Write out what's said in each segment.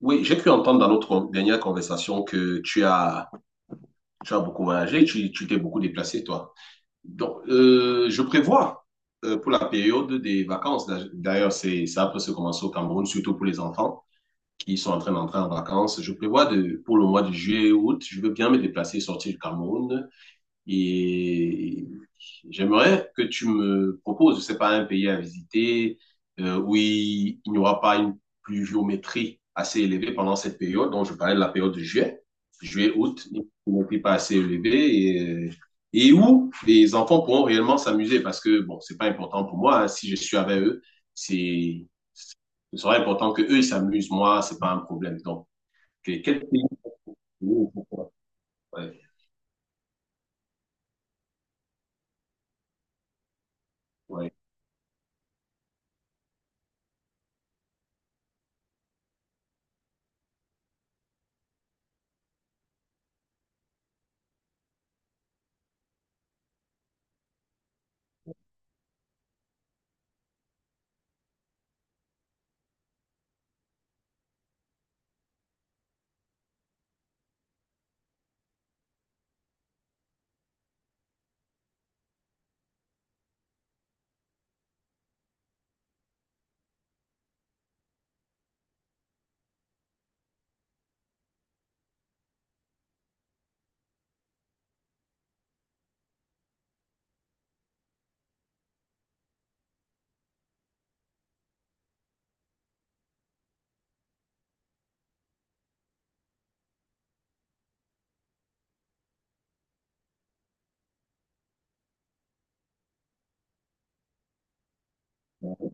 Oui, j'ai cru entendre dans notre dernière conversation que tu as beaucoup voyagé, tu t'es beaucoup déplacé, toi. Donc, je prévois pour la période des vacances, d'ailleurs, ça peut se commencer au Cameroun, surtout pour les enfants qui sont en train d'entrer en vacances. Je prévois de, pour le mois de juillet et août, je veux bien me déplacer, sortir du Cameroun, et j'aimerais que tu me proposes, je sais pas, un pays à visiter où il n'y aura pas une pluviométrie assez élevée pendant cette période. Donc, je parlais de la période de juillet, juillet, août, une pluviométrie pas assez élevée euh, et où les enfants pourront réellement s'amuser parce que, bon, c'est pas important pour moi, hein, si je suis avec eux, c'est, ce sera important que eux ils s'amusent. Moi, c'est pas un problème. Donc, quel pays? Ouais, ouais, ouais.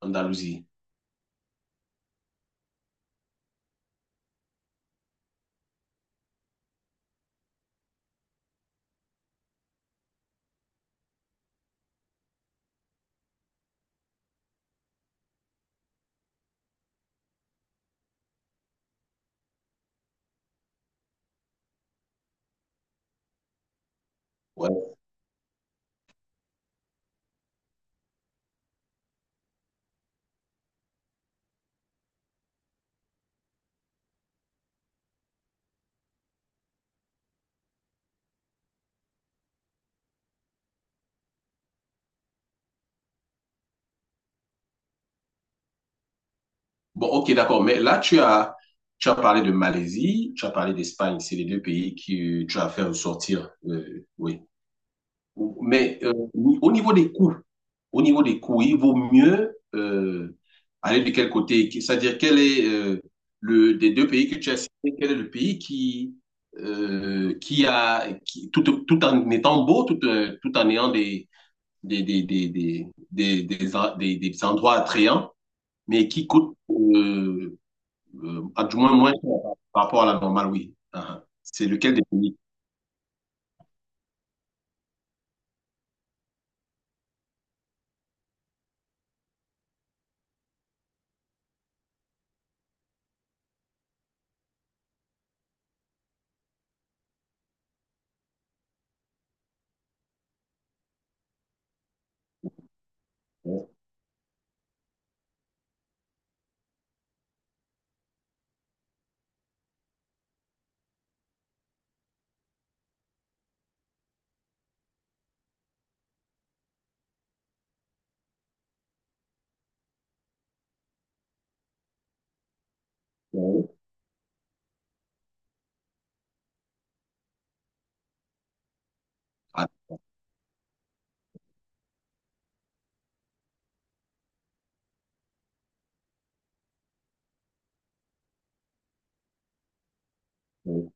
Andalousie. Ouais. Bon, ok, d'accord. Mais là, tu as parlé de Malaisie, tu as parlé d'Espagne. C'est les deux pays que tu as fait ressortir, oui. Mais au niveau des coûts, au niveau des coûts, il vaut mieux aller de quel côté? C'est-à-dire, quel est le des deux pays que tu as cités, quel est le pays qui a tout, tout en étant beau, tout, tout en ayant des des des des des des, des endroits attrayants, mais qui coûte ah, du moins, moins cher par par rapport à la normale, oui. Ah, ah. C'est lequel des pays? Ouais, ouais. Ah, ouais.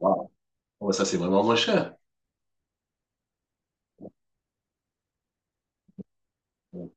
Waouh. Ouais, ça, c'est vraiment moins cher. Ouais.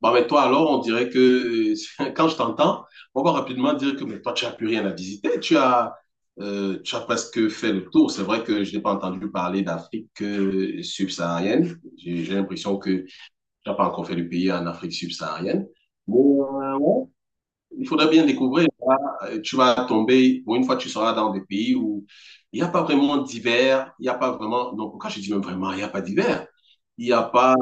Bon, mais toi, alors, on dirait que quand je t'entends, on va rapidement dire que mais toi, tu n'as plus rien à visiter. Tu as presque fait le tour. C'est vrai que je n'ai pas entendu parler d'Afrique subsaharienne. J'ai l'impression que tu n'as pas encore fait le pays en Afrique subsaharienne. Mais, ouais, il faudrait bien découvrir. Là, tu vas tomber, bon, une fois que tu seras dans des pays où il n'y a pas vraiment d'hiver, il n'y a pas vraiment. Non, pourquoi je dis même vraiment, il n'y a pas d'hiver? Il n'y a pas.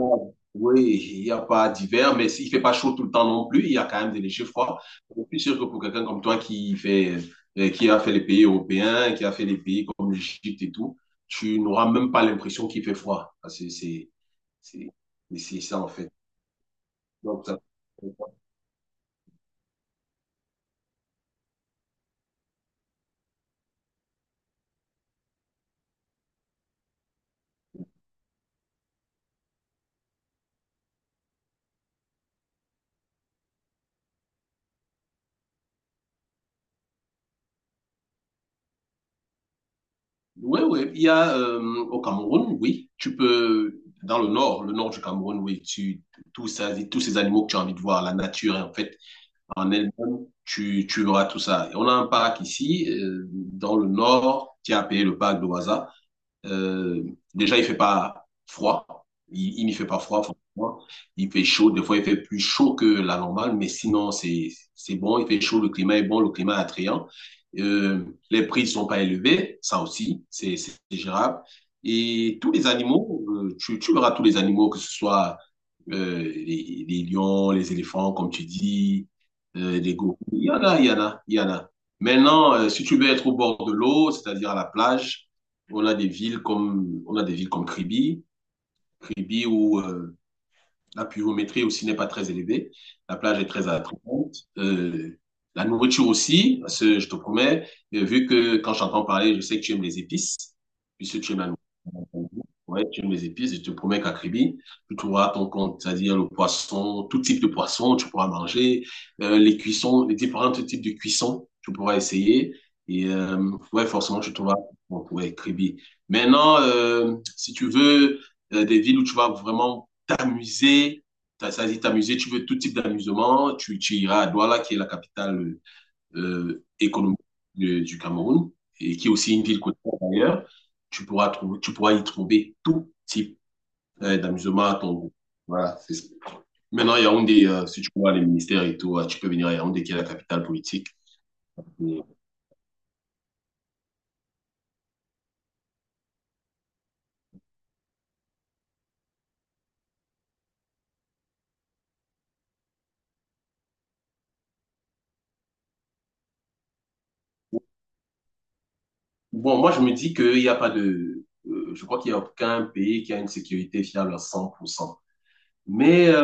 Oui, il n'y a pas d'hiver, mais s'il ne fait pas chaud tout le temps non plus, il y a quand même des légers froids. Je suis sûr que pour quelqu'un comme toi qui fait, qui a fait les pays européens, qui a fait les pays comme l'Égypte et tout, tu n'auras même pas l'impression qu'il fait froid. Ah, c'est- c'est ça, en fait. Donc, ça- Oui, oui. Il y a au Cameroun, oui. Tu peux, dans le nord du Cameroun, oui, tu, tout ça, tous ces animaux que tu as envie de voir, la nature, en fait, en elle-même, tu verras tout ça. Et on a un parc ici, dans le nord, qui est appelé le parc de Waza. Euh, déjà, il fait pas froid. Il n'y fait pas froid, franchement. Il fait chaud. Des fois, il fait plus chaud que la normale, mais sinon, c'est bon. Il fait chaud, le climat est bon, le climat est attrayant. Euh, les prix ne sont pas élevés, ça aussi, c'est gérable. Et tous les animaux, tu, tu verras tous les animaux, que ce soit les lions, les éléphants, comme tu dis, les gorilles. Il y en a. Maintenant, si tu veux être au bord de l'eau, c'est-à-dire à la plage, on a des villes comme Kribi, Kribi où la pluviométrie aussi n'est pas très élevée. La plage est très attrayante. La nourriture aussi, parce que je te promets, vu que quand j'entends parler, je sais que tu aimes les épices, puisque tu aimes la nourriture. Ouais, tu aimes les épices, je te promets qu'à Kribi, tu trouveras ton compte, c'est-à-dire le poisson, tout type de poisson, tu pourras manger, les cuissons, les différents types de cuissons, tu pourras essayer. Et ouais, forcément, tu trouveras bon, ouais, Kribi. Maintenant, si tu veux des villes où tu vas vraiment t'amuser. Ça dit t'amuser, tu veux tout type d'amusement, tu iras à Douala, qui est la capitale économique du Cameroun, et qui est aussi une ville côtière d'ailleurs. Tu pourras y trouver tout type d'amusement à ton goût. Voilà, c'est ça. Maintenant, Yaoundé, si tu vois les ministères et tout, tu peux venir à Yaoundé, qui est la capitale politique. Et- bon, moi, je me dis qu'il n'y a pas de... je crois qu'il n'y a aucun pays qui a une sécurité fiable à 100%. Mais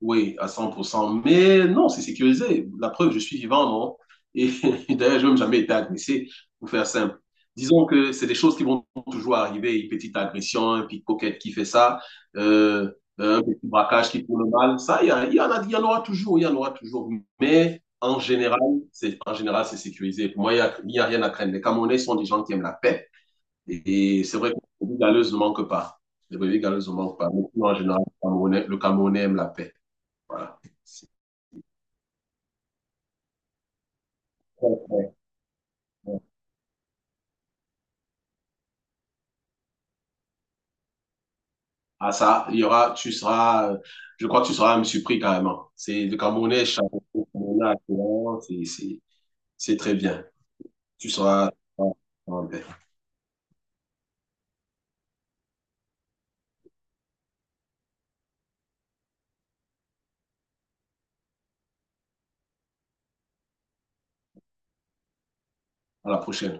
oui, à 100%. Mais non, c'est sécurisé. La preuve, je suis vivant, non? Et d'ailleurs, je n'ai même jamais été agressé, pour faire simple. Disons que c'est des choses qui vont toujours arriver, une petite agression, un pickpocket qui fait ça, euh, un petit braquage qui prend le mal. Ça, il y en aura toujours, il y en aura toujours. Mais en général, c'est sécurisé. Pour moi, il y a rien à craindre. Les Camerounais sont des gens qui aiment la paix. Et c'est vrai que les brebis galeuses ne manquent pas. Les brebis galeuses ne manquent pas. Mais sinon, en général, le Camerounais aime la paix. Voilà. Ah ça, tu seras, je crois que tu seras même surpris carrément. C'est le Camerounais, chaque c'est c'est- c'est très bien. Tu seras en paix. À la prochaine.